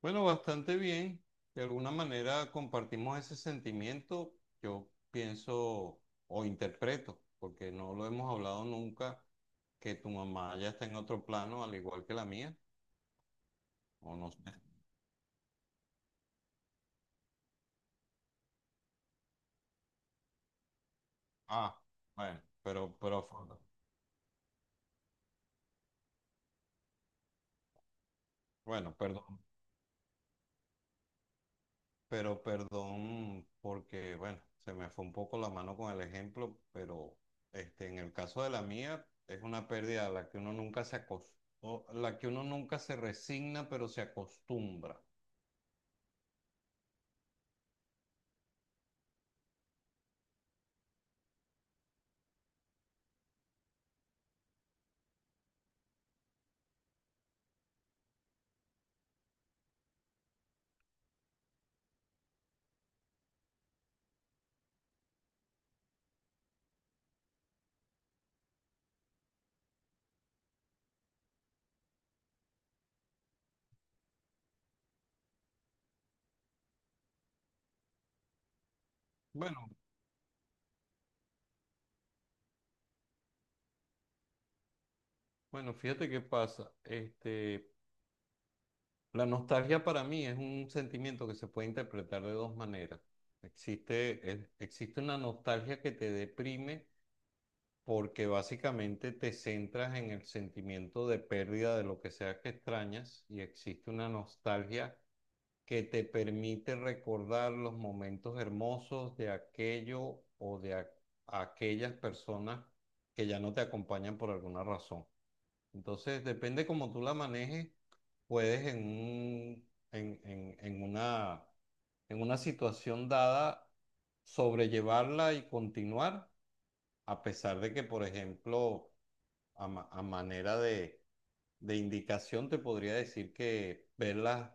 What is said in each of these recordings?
Bueno, bastante bien. De alguna manera compartimos ese sentimiento, yo pienso o interpreto, porque no lo hemos hablado nunca, que tu mamá ya está en otro plano, al igual que la mía, o no sé. Ah, bueno, bueno, perdón. Pero perdón porque, bueno, se me fue un poco la mano con el ejemplo, pero en el caso de la mía es una pérdida a la que uno nunca o la que uno nunca se resigna, pero se acostumbra. Bueno, bueno, fíjate qué pasa. La nostalgia para mí es un sentimiento que se puede interpretar de dos maneras. Existe una nostalgia que te deprime porque básicamente te centras en el sentimiento de pérdida de lo que sea que extrañas, y existe una nostalgia que te permite recordar los momentos hermosos de aquello o de aquellas personas que ya no te acompañan por alguna razón. Entonces, depende cómo tú la manejes, puedes en un- en una situación dada sobrellevarla y continuar, a pesar de que, por ejemplo, a manera de indicación, te podría decir que ver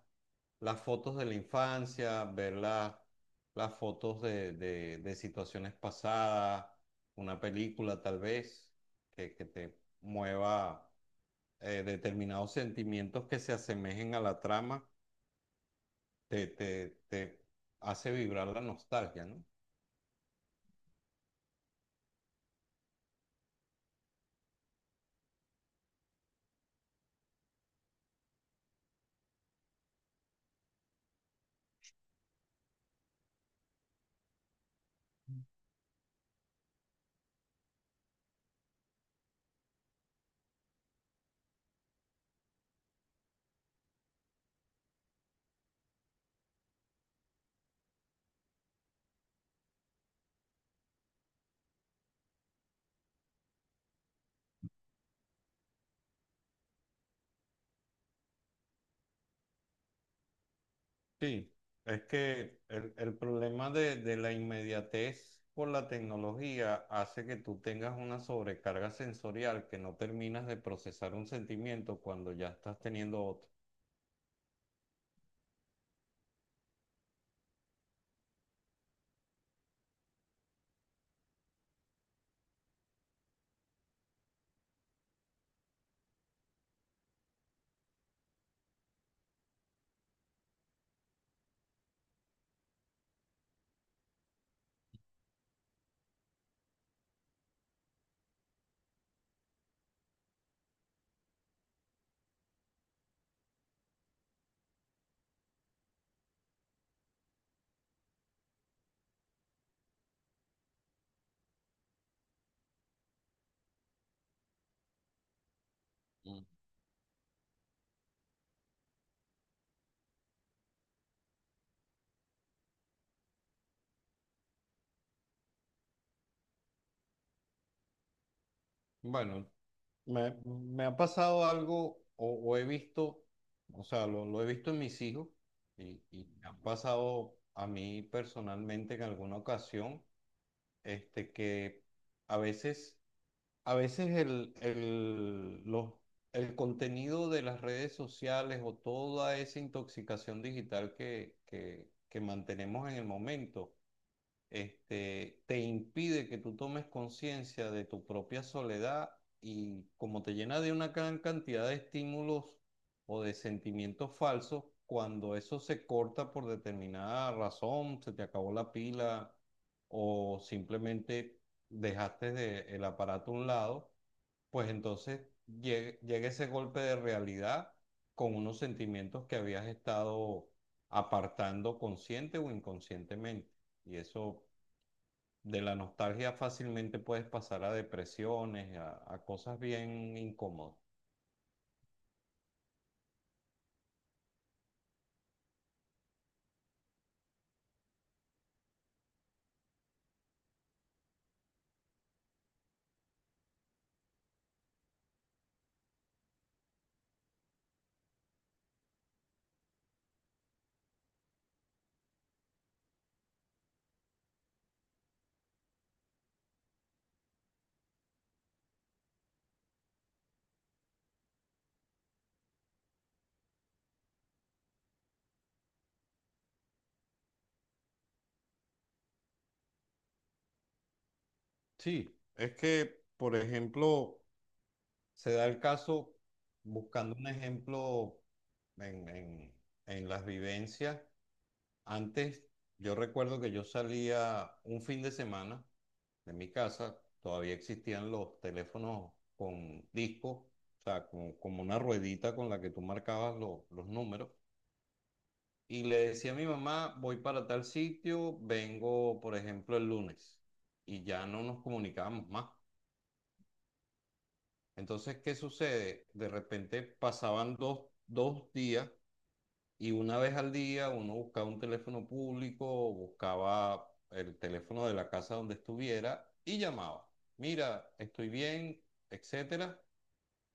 las fotos de la infancia, ver las fotos de situaciones pasadas, una película tal vez que te mueva determinados sentimientos que se asemejen a la trama, te hace vibrar la nostalgia, ¿no? Sí, es que el problema de la inmediatez por la tecnología hace que tú tengas una sobrecarga sensorial, que no terminas de procesar un sentimiento cuando ya estás teniendo otro. Mm. Bueno, me ha pasado algo, o he visto, o sea, lo he visto en mis hijos, y me ha pasado a mí personalmente en alguna ocasión, que a veces a veces el contenido de las redes sociales o toda esa intoxicación digital que mantenemos en el momento, te impide que tú tomes conciencia de tu propia soledad, y como te llena de una gran cantidad de estímulos o de sentimientos falsos, cuando eso se corta por determinada razón, se te acabó la pila o simplemente el aparato a un lado, pues entonces llega ese golpe de realidad, con unos sentimientos que habías estado apartando consciente o inconscientemente. Y eso, de la nostalgia fácilmente puedes pasar a depresiones, a cosas bien incómodas. Sí, es que, por ejemplo, se da el caso, buscando un ejemplo en, en- en las vivencias, antes yo recuerdo que yo salía un fin de semana de mi casa, todavía existían los teléfonos con discos, o sea, como, como una ruedita con la que tú marcabas los números. Y le decía a mi mamá, voy para tal sitio, vengo, por ejemplo, el lunes. Y ya no nos comunicábamos más. Entonces, ¿qué sucede? De repente pasaban dos días. Y una vez al día uno buscaba un teléfono público, buscaba el teléfono de la casa donde estuviera y llamaba. Mira, estoy bien, etcétera.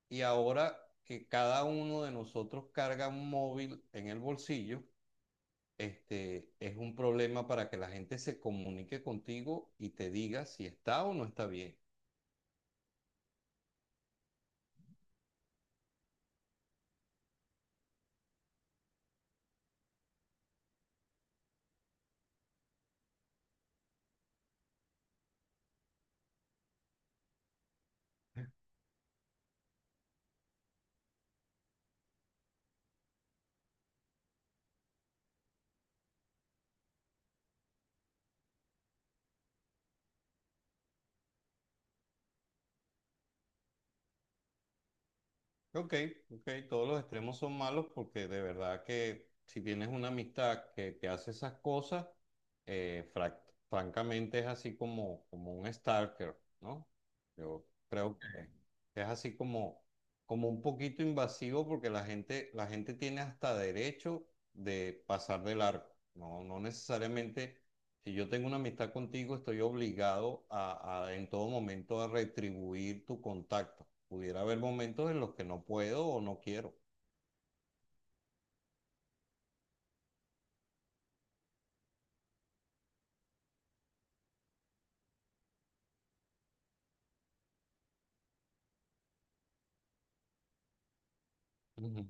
Y ahora que cada uno de nosotros carga un móvil en el bolsillo, es un problema para que la gente se comunique contigo y te diga si está o no está bien. Ok, ok, todos los extremos son malos, porque de verdad que si tienes una amistad que te hace esas cosas, eh, frac- francamente es así como, como un stalker, ¿no? Yo creo que es así como, como un poquito invasivo, porque la gente tiene hasta derecho de pasar de largo, ¿no? No necesariamente, si yo tengo una amistad contigo, estoy obligado a en todo momento a retribuir tu contacto. Pudiera haber momentos en los que no puedo o no quiero. Ujú.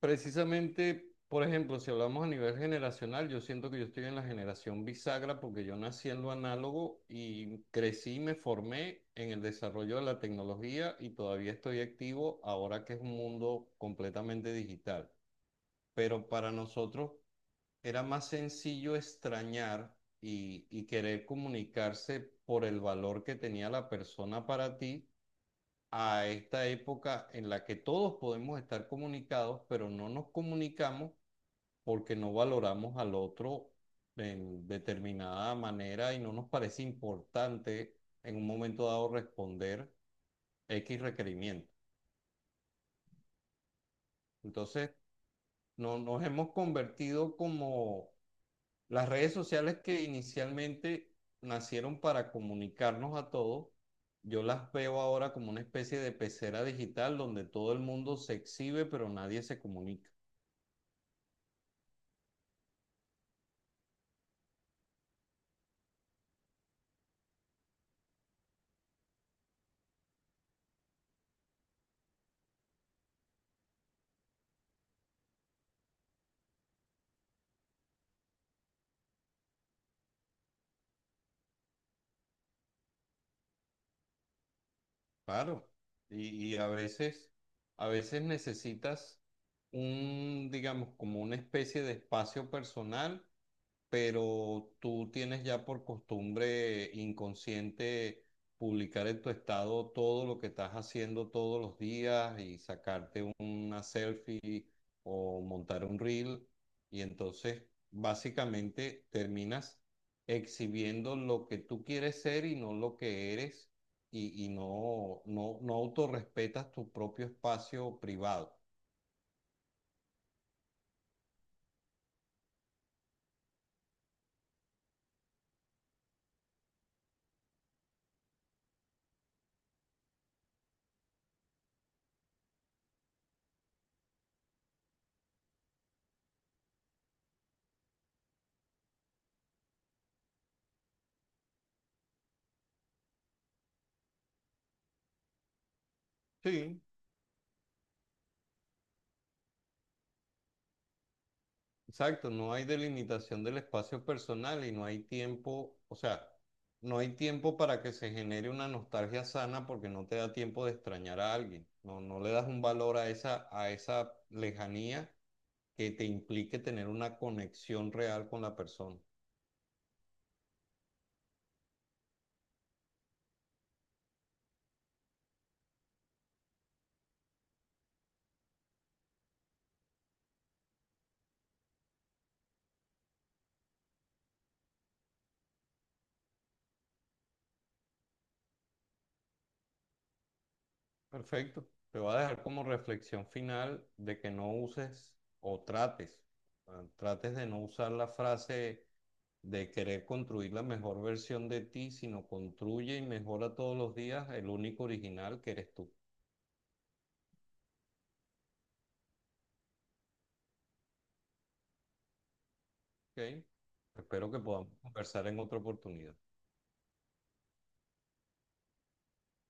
Precisamente, por ejemplo, si hablamos a nivel generacional, yo siento que yo estoy en la generación bisagra, porque yo nací en lo análogo y crecí y me formé en el desarrollo de la tecnología y todavía estoy activo ahora que es un mundo completamente digital. Pero para nosotros era más sencillo extrañar y querer comunicarse por el valor que tenía la persona para ti, a esta época en la que todos podemos estar comunicados, pero no nos comunicamos porque no valoramos al otro en determinada manera y no nos parece importante en un momento dado responder X requerimiento. Entonces, no, nos hemos convertido como las redes sociales, que inicialmente nacieron para comunicarnos a todos. Yo las veo ahora como una especie de pecera digital donde todo el mundo se exhibe, pero nadie se comunica. Claro, y, y a veces, a veces necesitas un, digamos, como una especie de espacio personal, pero tú tienes ya por costumbre inconsciente publicar en tu estado todo lo que estás haciendo todos los días y sacarte una selfie o montar un reel, y entonces básicamente terminas exhibiendo lo que tú quieres ser y no lo que eres, y, no autorrespetas tu propio espacio privado. Sí, exacto, no hay delimitación del espacio personal y no hay tiempo, o sea, no hay tiempo para que se genere una nostalgia sana porque no te da tiempo de extrañar a alguien. No, no le das un valor a a esa lejanía que te implique tener una conexión real con la persona. Perfecto. Te va a dejar como reflexión final de que no uses o trates, ah, trates de no usar la frase de querer construir la mejor versión de ti, sino construye y mejora todos los días el único original que eres tú. ¿Ok? Espero que podamos conversar en otra oportunidad.